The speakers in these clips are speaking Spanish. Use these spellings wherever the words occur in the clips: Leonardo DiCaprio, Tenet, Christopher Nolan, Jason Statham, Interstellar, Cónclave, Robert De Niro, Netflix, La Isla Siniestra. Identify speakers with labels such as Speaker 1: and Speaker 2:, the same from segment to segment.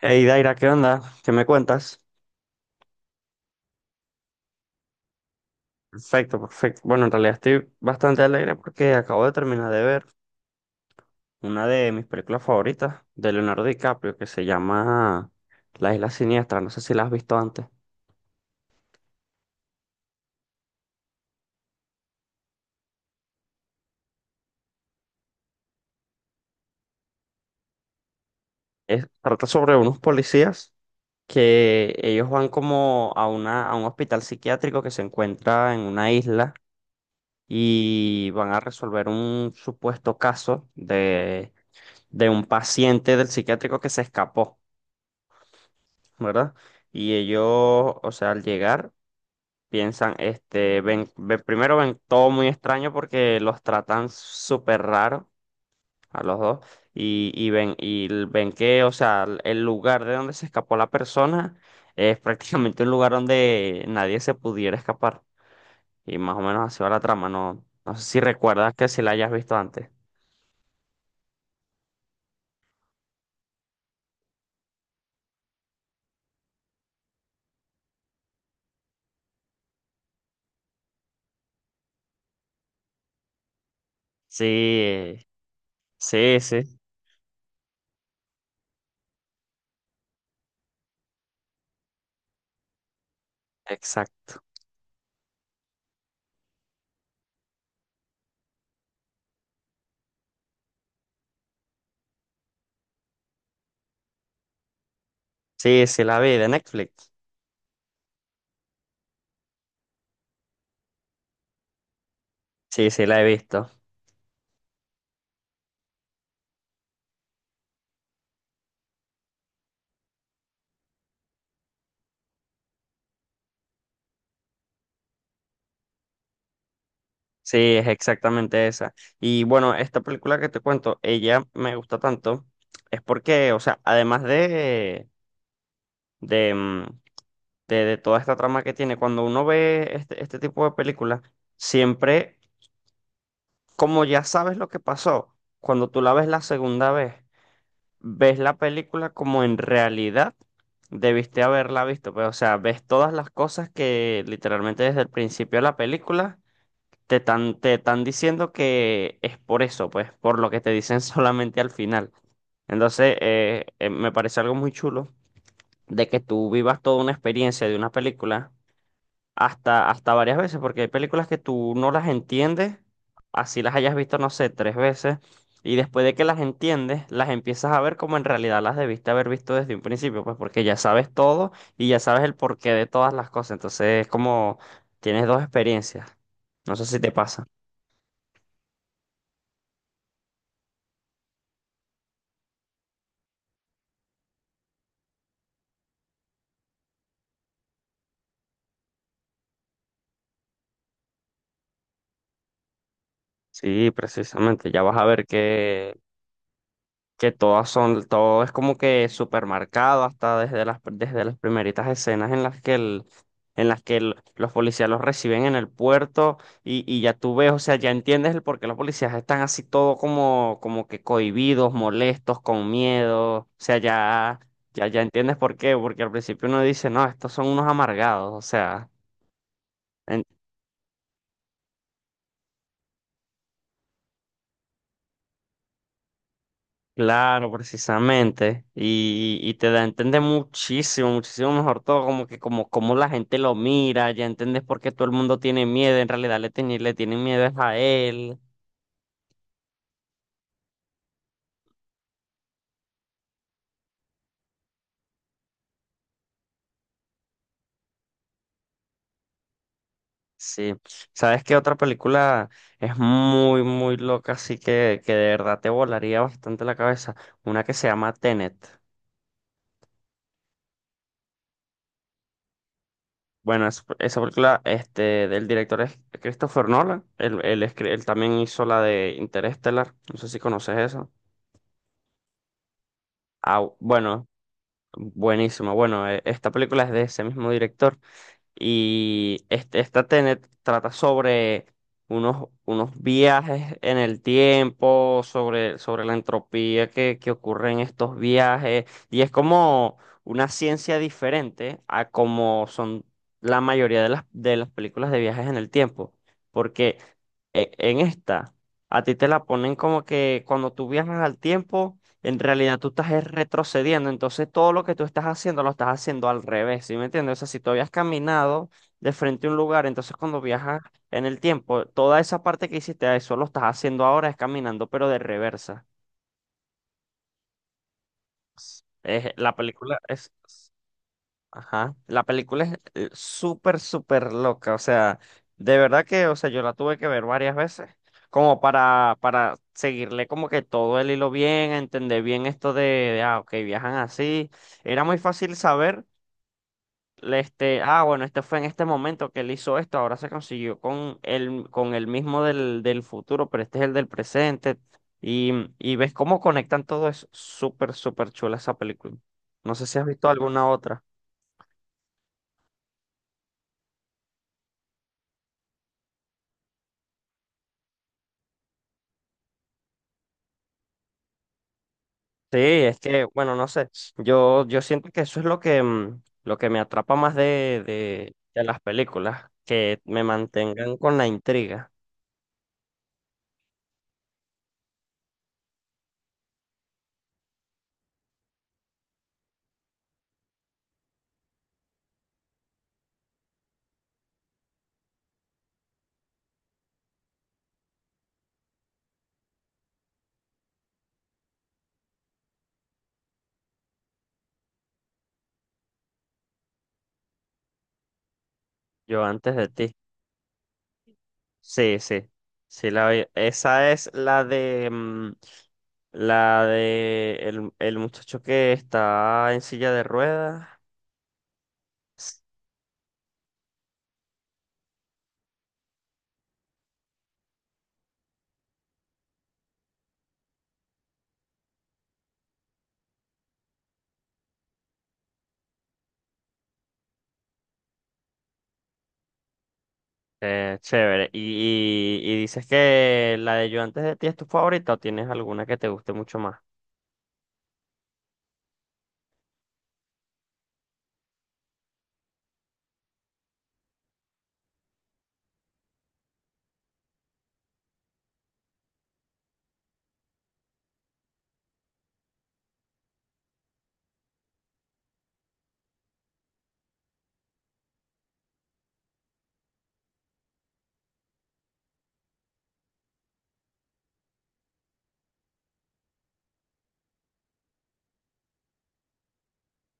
Speaker 1: Hey Daira, ¿qué onda? ¿Qué me cuentas? Perfecto, perfecto. Bueno, en realidad estoy bastante alegre porque acabo de terminar de ver una de mis películas favoritas de Leonardo DiCaprio que se llama La Isla Siniestra. No sé si la has visto antes. Trata sobre unos policías que ellos van como a una, a un hospital psiquiátrico que se encuentra en una isla y van a resolver un supuesto caso de un paciente del psiquiátrico que se escapó, ¿verdad? Y ellos, o sea, al llegar, piensan, este, ven, primero ven todo muy extraño porque los tratan súper raro a los dos y ven, y ven que, o sea, el lugar de donde se escapó la persona es prácticamente un lugar donde nadie se pudiera escapar. Y más o menos así va la trama, no, no sé si recuerdas que si la hayas visto antes. Sí, sí, sí, exacto. Sí, sí la vi de Netflix. Sí, sí la he visto. Sí, es exactamente esa. Y bueno, esta película que te cuento, ella me gusta tanto, es porque, o sea, además de, de toda esta trama que tiene, cuando uno ve este, este tipo de películas, siempre, como ya sabes lo que pasó, cuando tú la ves la segunda vez, ves la película como en realidad debiste haberla visto, pero, o sea, ves todas las cosas que literalmente desde el principio de la película te están, te están diciendo que es por eso, pues, por lo que te dicen solamente al final. Entonces, me parece algo muy chulo de que tú vivas toda una experiencia de una película hasta, hasta varias veces, porque hay películas que tú no las entiendes, así las hayas visto, no sé, tres veces, y después de que las entiendes, las empiezas a ver como en realidad las debiste haber visto desde un principio, pues, porque ya sabes todo y ya sabes el porqué de todas las cosas. Entonces, es como tienes dos experiencias. No sé si te pasa. Sí, precisamente, ya vas a ver que todas son, todo es como que supermercado hasta desde las primeritas escenas en las que el, en las que los policías los reciben en el puerto y ya tú ves, o sea, ya entiendes el por qué los policías están así todo como, como que cohibidos, molestos, con miedo, o sea, ya, ya, ya entiendes por qué, porque al principio uno dice, no, estos son unos amargados, o sea. Claro, precisamente. Y te da a entender muchísimo, muchísimo mejor todo, como que como, como la gente lo mira, ya entiendes por qué todo el mundo tiene miedo, en realidad le, le tienen miedo es a él. Sí. ¿Sabes qué otra película es muy, muy loca, así que de verdad te volaría bastante la cabeza? Una que se llama Tenet. Bueno, esa película este, del director es Christopher Nolan. Él, él también hizo la de Interstellar. No sé si conoces eso. Ah, bueno, buenísimo. Bueno, esta película es de ese mismo director y este, esta trata sobre unos, unos viajes en el tiempo, sobre, sobre la entropía que ocurre en estos viajes y es como una ciencia diferente a como son la mayoría de las películas de viajes en el tiempo, porque en esta a ti te la ponen como que cuando tú viajas al tiempo en realidad tú estás es retrocediendo, entonces todo lo que tú estás haciendo lo estás haciendo al revés, ¿sí me entiendes? O sea, si tú habías caminado de frente a un lugar, entonces cuando viajas en el tiempo, toda esa parte que hiciste, eso lo estás haciendo ahora, es caminando, pero de reversa. Es, la película es... Ajá. La película es súper, súper loca. O sea, de verdad que, o sea, yo la tuve que ver varias veces, como para seguirle como que todo el hilo bien, entender bien esto de, ah, ok, viajan así. Era muy fácil saber, este, ah, bueno, este fue en este momento que él hizo esto, ahora se consiguió con el mismo del, del futuro, pero este es el del presente. Y, y ves cómo conectan todo eso. Súper, súper chula esa película. No sé si has visto alguna otra. Sí, es que, bueno, no sé, yo siento que eso es lo que, lo que me atrapa más de las películas, que me mantengan con la intriga. Yo antes de ti. Sí, sí, sí, la vi. Esa es la de, la de el muchacho que está en silla de ruedas. S- chévere. ¿Y, y dices que la de Yo antes de ti es tu favorita o tienes alguna que te guste mucho más?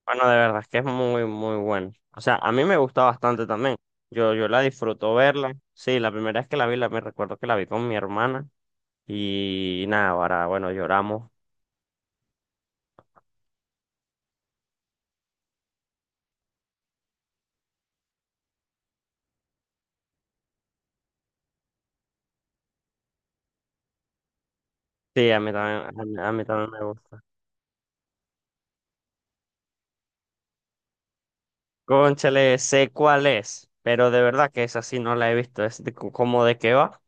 Speaker 1: Bueno, de verdad es que es muy, muy bueno. O sea, a mí me gusta bastante también. Yo la disfruto verla. Sí, la primera vez que la vi, la, me recuerdo que la vi con mi hermana. Y nada, ahora, bueno, lloramos. Sí, a mí también me gusta. Cónchale, sé cuál es, pero de verdad que esa sí no la he visto. Es de, como de qué va.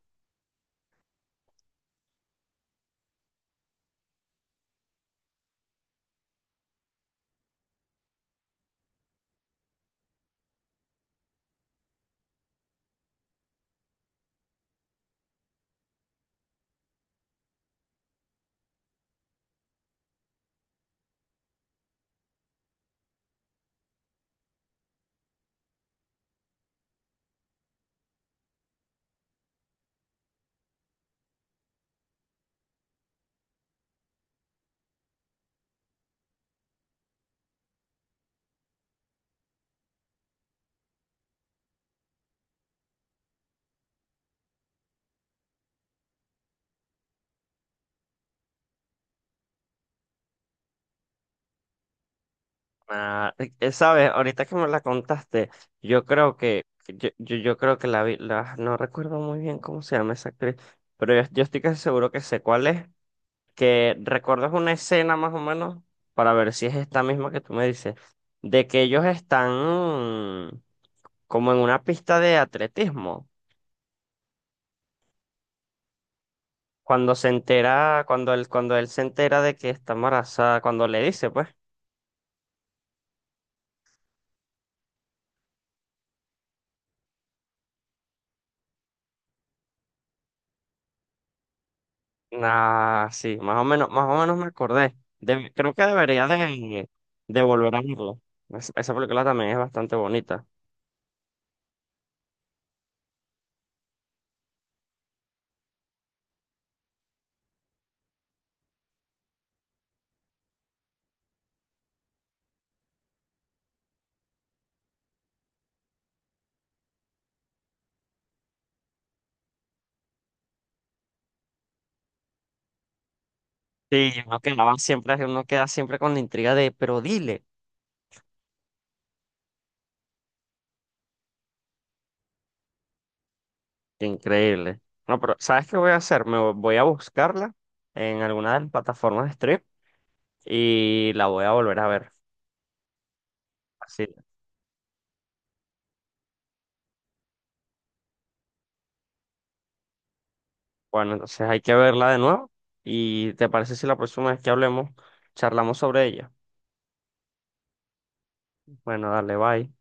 Speaker 1: Ah, ¿sabes? Ahorita que me la contaste, yo creo que, yo creo que la vi, la, no recuerdo muy bien cómo se llama esa actriz, pero yo estoy casi seguro que sé cuál es. Que recuerdas una escena más o menos, para ver si es esta misma que tú me dices, de que ellos están mm, como en una pista de atletismo, cuando se entera, cuando él se entera de que está embarazada, cuando le dice, pues, nah, sí, más o menos me acordé. Creo que debería de volver a verlo. Esa película también es bastante bonita. Sí, uno quedaba siempre, uno queda siempre con la intriga de, pero dile. Qué increíble. No, pero ¿sabes qué voy a hacer? Me voy a buscarla en alguna de las plataformas de stream y la voy a volver a ver. Así. Bueno, entonces hay que verla de nuevo. ¿Y te parece si la próxima vez que hablemos, charlamos sobre ella? Bueno, dale, bye.